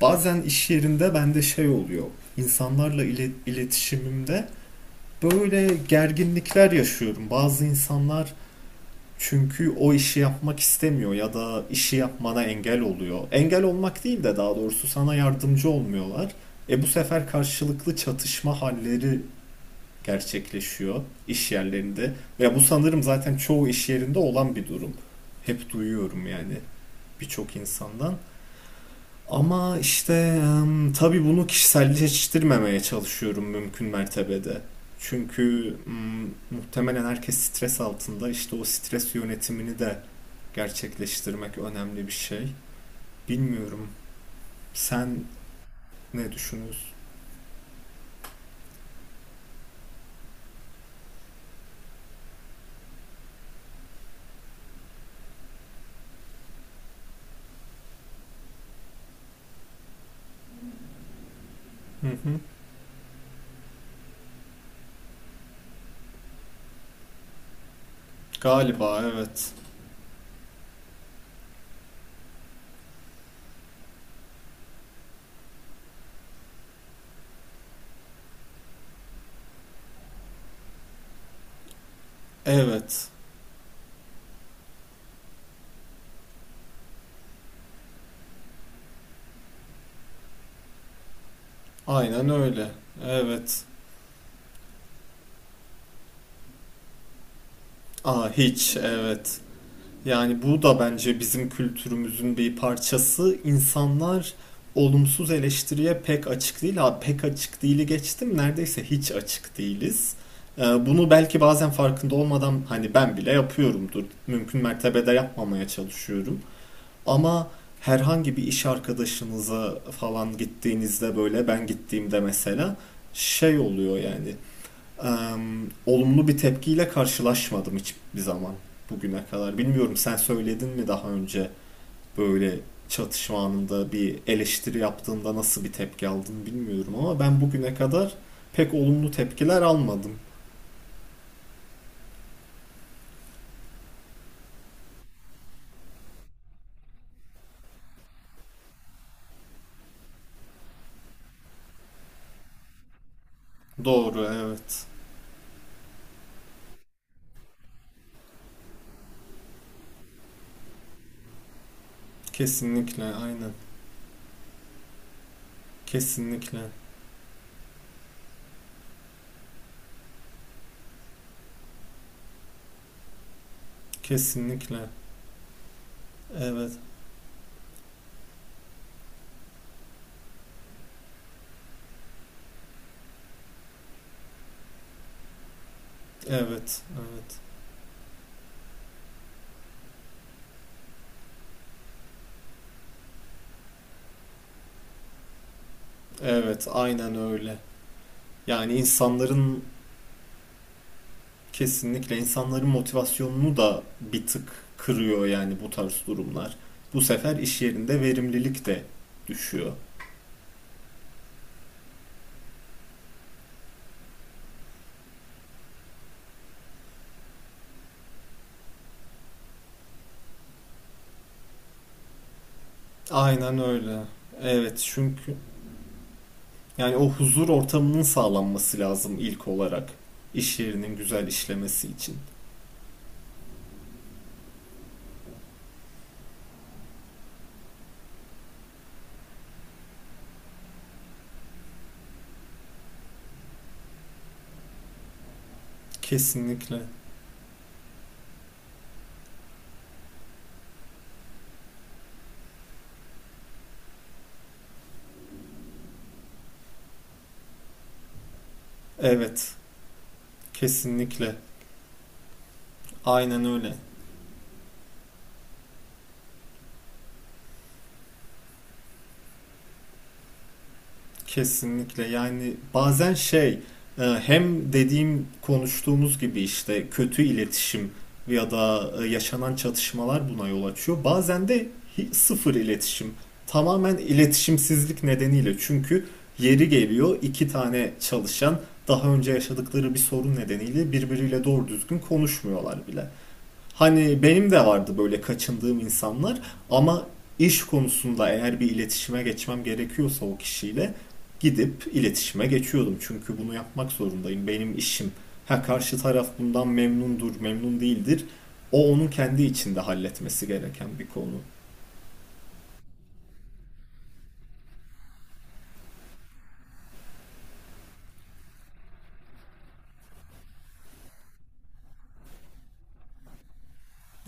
Bazen iş yerinde bende şey oluyor. İnsanlarla iletişimimde böyle gerginlikler yaşıyorum. Bazı insanlar çünkü o işi yapmak istemiyor ya da işi yapmana engel oluyor. Engel olmak değil de daha doğrusu sana yardımcı olmuyorlar. E bu sefer karşılıklı çatışma halleri gerçekleşiyor iş yerlerinde. Ve bu sanırım zaten çoğu iş yerinde olan bir durum. Hep duyuyorum yani birçok insandan. Ama işte tabii bunu kişiselleştirmemeye çalışıyorum mümkün mertebede. Çünkü muhtemelen herkes stres altında. İşte o stres yönetimini de gerçekleştirmek önemli bir şey. Bilmiyorum. Sen ne düşünüyorsun? Hı hı. Galiba evet. Evet. Aynen öyle. Evet. Aa hiç evet. Yani bu da bence bizim kültürümüzün bir parçası. İnsanlar olumsuz eleştiriye pek açık değil. Ha, pek açık değili geçtim. Neredeyse hiç açık değiliz. Bunu belki bazen farkında olmadan hani ben bile yapıyorumdur. Mümkün mertebede yapmamaya çalışıyorum. Ama herhangi bir iş arkadaşınıza falan gittiğinizde böyle ben gittiğimde mesela şey oluyor yani e, olumlu bir tepkiyle karşılaşmadım hiçbir zaman bugüne kadar. Bilmiyorum sen söyledin mi daha önce böyle çatışma anında bir eleştiri yaptığında nasıl bir tepki aldın bilmiyorum ama ben bugüne kadar pek olumlu tepkiler almadım. Doğru, evet. Kesinlikle, aynen. Kesinlikle, kesinlikle. Evet, evet, evet. Evet, aynen öyle. Yani insanların kesinlikle insanların motivasyonunu da bir tık kırıyor yani bu tarz durumlar. Bu sefer iş yerinde verimlilik de düşüyor. Aynen öyle. Evet çünkü yani o huzur ortamının sağlanması lazım ilk olarak iş yerinin güzel işlemesi için. Kesinlikle. Evet, kesinlikle. Aynen öyle. Kesinlikle yani bazen şey hem dediğim konuştuğumuz gibi işte kötü iletişim ya da yaşanan çatışmalar buna yol açıyor. Bazen de sıfır iletişim tamamen iletişimsizlik nedeniyle çünkü yeri geliyor iki tane çalışan daha önce yaşadıkları bir sorun nedeniyle birbiriyle doğru düzgün konuşmuyorlar bile. Hani benim de vardı böyle kaçındığım insanlar ama iş konusunda eğer bir iletişime geçmem gerekiyorsa o kişiyle gidip iletişime geçiyordum. Çünkü bunu yapmak zorundayım. Benim işim. Ha karşı taraf bundan memnundur, memnun değildir. O onun kendi içinde halletmesi gereken bir konu.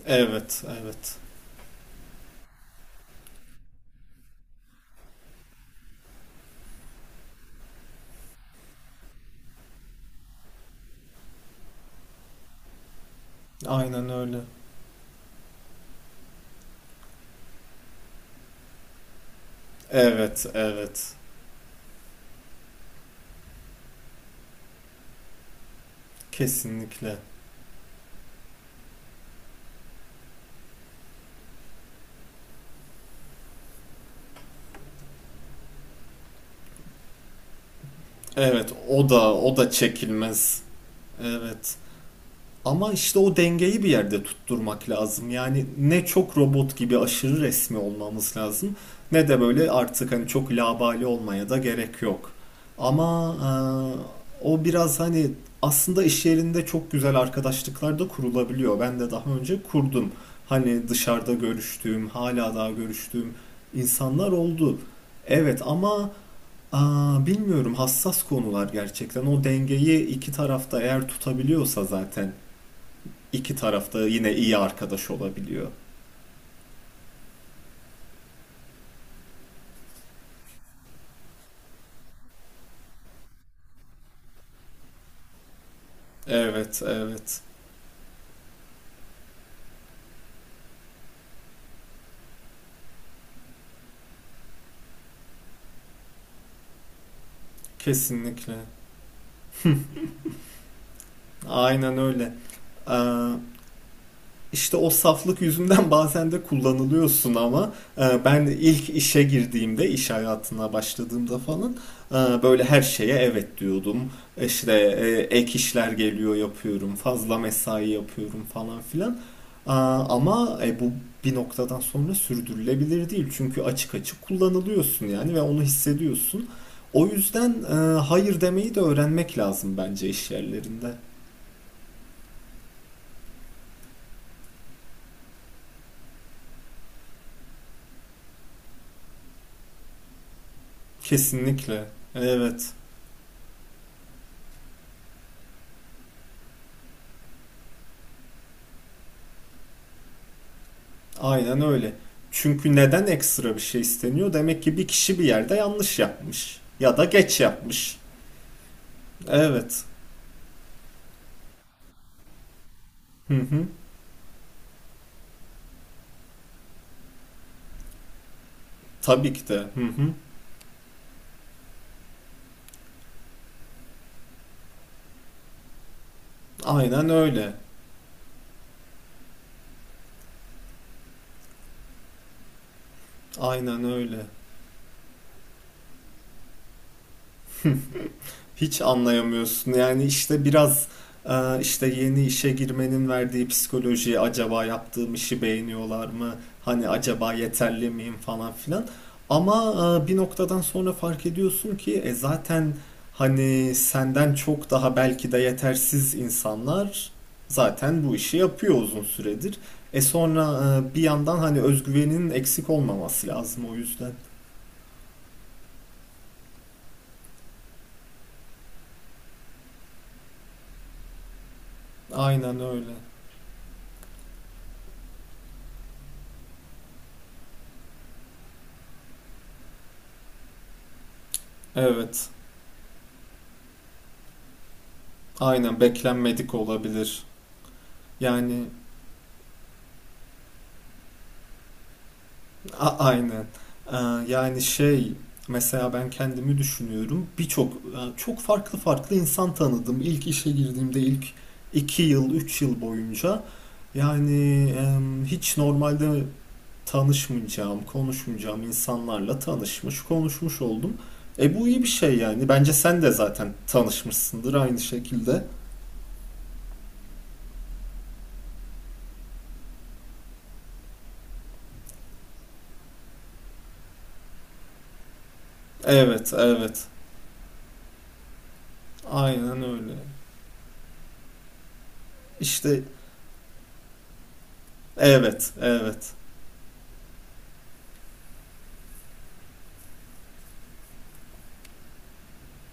Evet, evet. Aynen öyle. Evet, evet. Kesinlikle. Evet, o da çekilmez. Evet. Ama işte o dengeyi bir yerde tutturmak lazım. Yani ne çok robot gibi aşırı resmi olmamız lazım ne de böyle artık hani çok labali olmaya da gerek yok. Ama o biraz hani aslında iş yerinde çok güzel arkadaşlıklar da kurulabiliyor. Ben de daha önce kurdum. Hani dışarıda görüştüğüm, hala daha görüştüğüm insanlar oldu. Evet ama Aa, bilmiyorum hassas konular gerçekten. O dengeyi iki tarafta eğer tutabiliyorsa zaten iki tarafta yine iyi arkadaş olabiliyor. Evet, evet. Kesinlikle. Aynen öyle. Ee, İşte o saflık yüzünden bazen de kullanılıyorsun ama ben ilk işe girdiğimde, iş hayatına başladığımda falan böyle her şeye evet diyordum. İşte ek işler geliyor yapıyorum, fazla mesai yapıyorum falan filan. Ama bu bir noktadan sonra sürdürülebilir değil. Çünkü açık açık kullanılıyorsun yani ve onu hissediyorsun. O yüzden hayır demeyi de öğrenmek lazım bence iş yerlerinde. Kesinlikle. Evet. Aynen öyle. Çünkü neden ekstra bir şey isteniyor? Demek ki bir kişi bir yerde yanlış yapmış. Ya da geç yapmış. Evet. Hı hı. Tabii ki de. Hı hı. Aynen öyle. Aynen öyle. Hiç anlayamıyorsun. Yani işte biraz işte yeni işe girmenin verdiği psikoloji acaba yaptığım işi beğeniyorlar mı? Hani acaba yeterli miyim falan filan. Ama bir noktadan sonra fark ediyorsun ki zaten hani senden çok daha belki de yetersiz insanlar zaten bu işi yapıyor uzun süredir. E sonra bir yandan hani özgüvenin eksik olmaması lazım o yüzden. Aynen öyle. Evet. Aynen beklenmedik olabilir. Yani aynen. Ee, yani şey mesela ben kendimi düşünüyorum. Birçok çok farklı farklı insan tanıdım. İlk işe girdiğimde ilk 2 yıl 3 yıl boyunca yani hiç normalde tanışmayacağım, konuşmayacağım insanlarla tanışmış, konuşmuş oldum. E bu iyi bir şey yani. Bence sen de zaten tanışmışsındır aynı şekilde. Evet, evet. Aynen öyle. İşte evet, evet.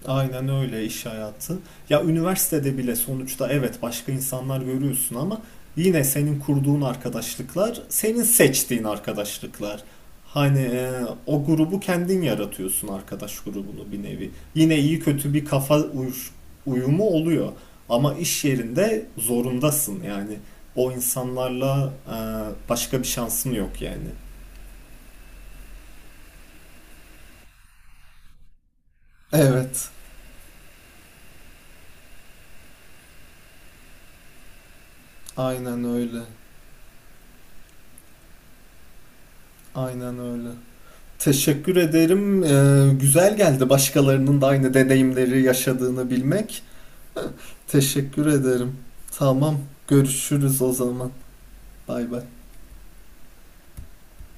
Aynen öyle iş hayatı. Ya üniversitede bile sonuçta evet başka insanlar görüyorsun ama yine senin kurduğun arkadaşlıklar, senin seçtiğin arkadaşlıklar. Hani o grubu kendin yaratıyorsun arkadaş grubunu bir nevi. Yine iyi kötü bir uyumu oluyor. Ama iş yerinde zorundasın yani. O insanlarla başka bir şansın yok yani. Evet, aynen öyle. Aynen öyle. Teşekkür ederim. Güzel geldi başkalarının da aynı deneyimleri yaşadığını bilmek. Teşekkür ederim. Tamam, görüşürüz o zaman. Bay bay.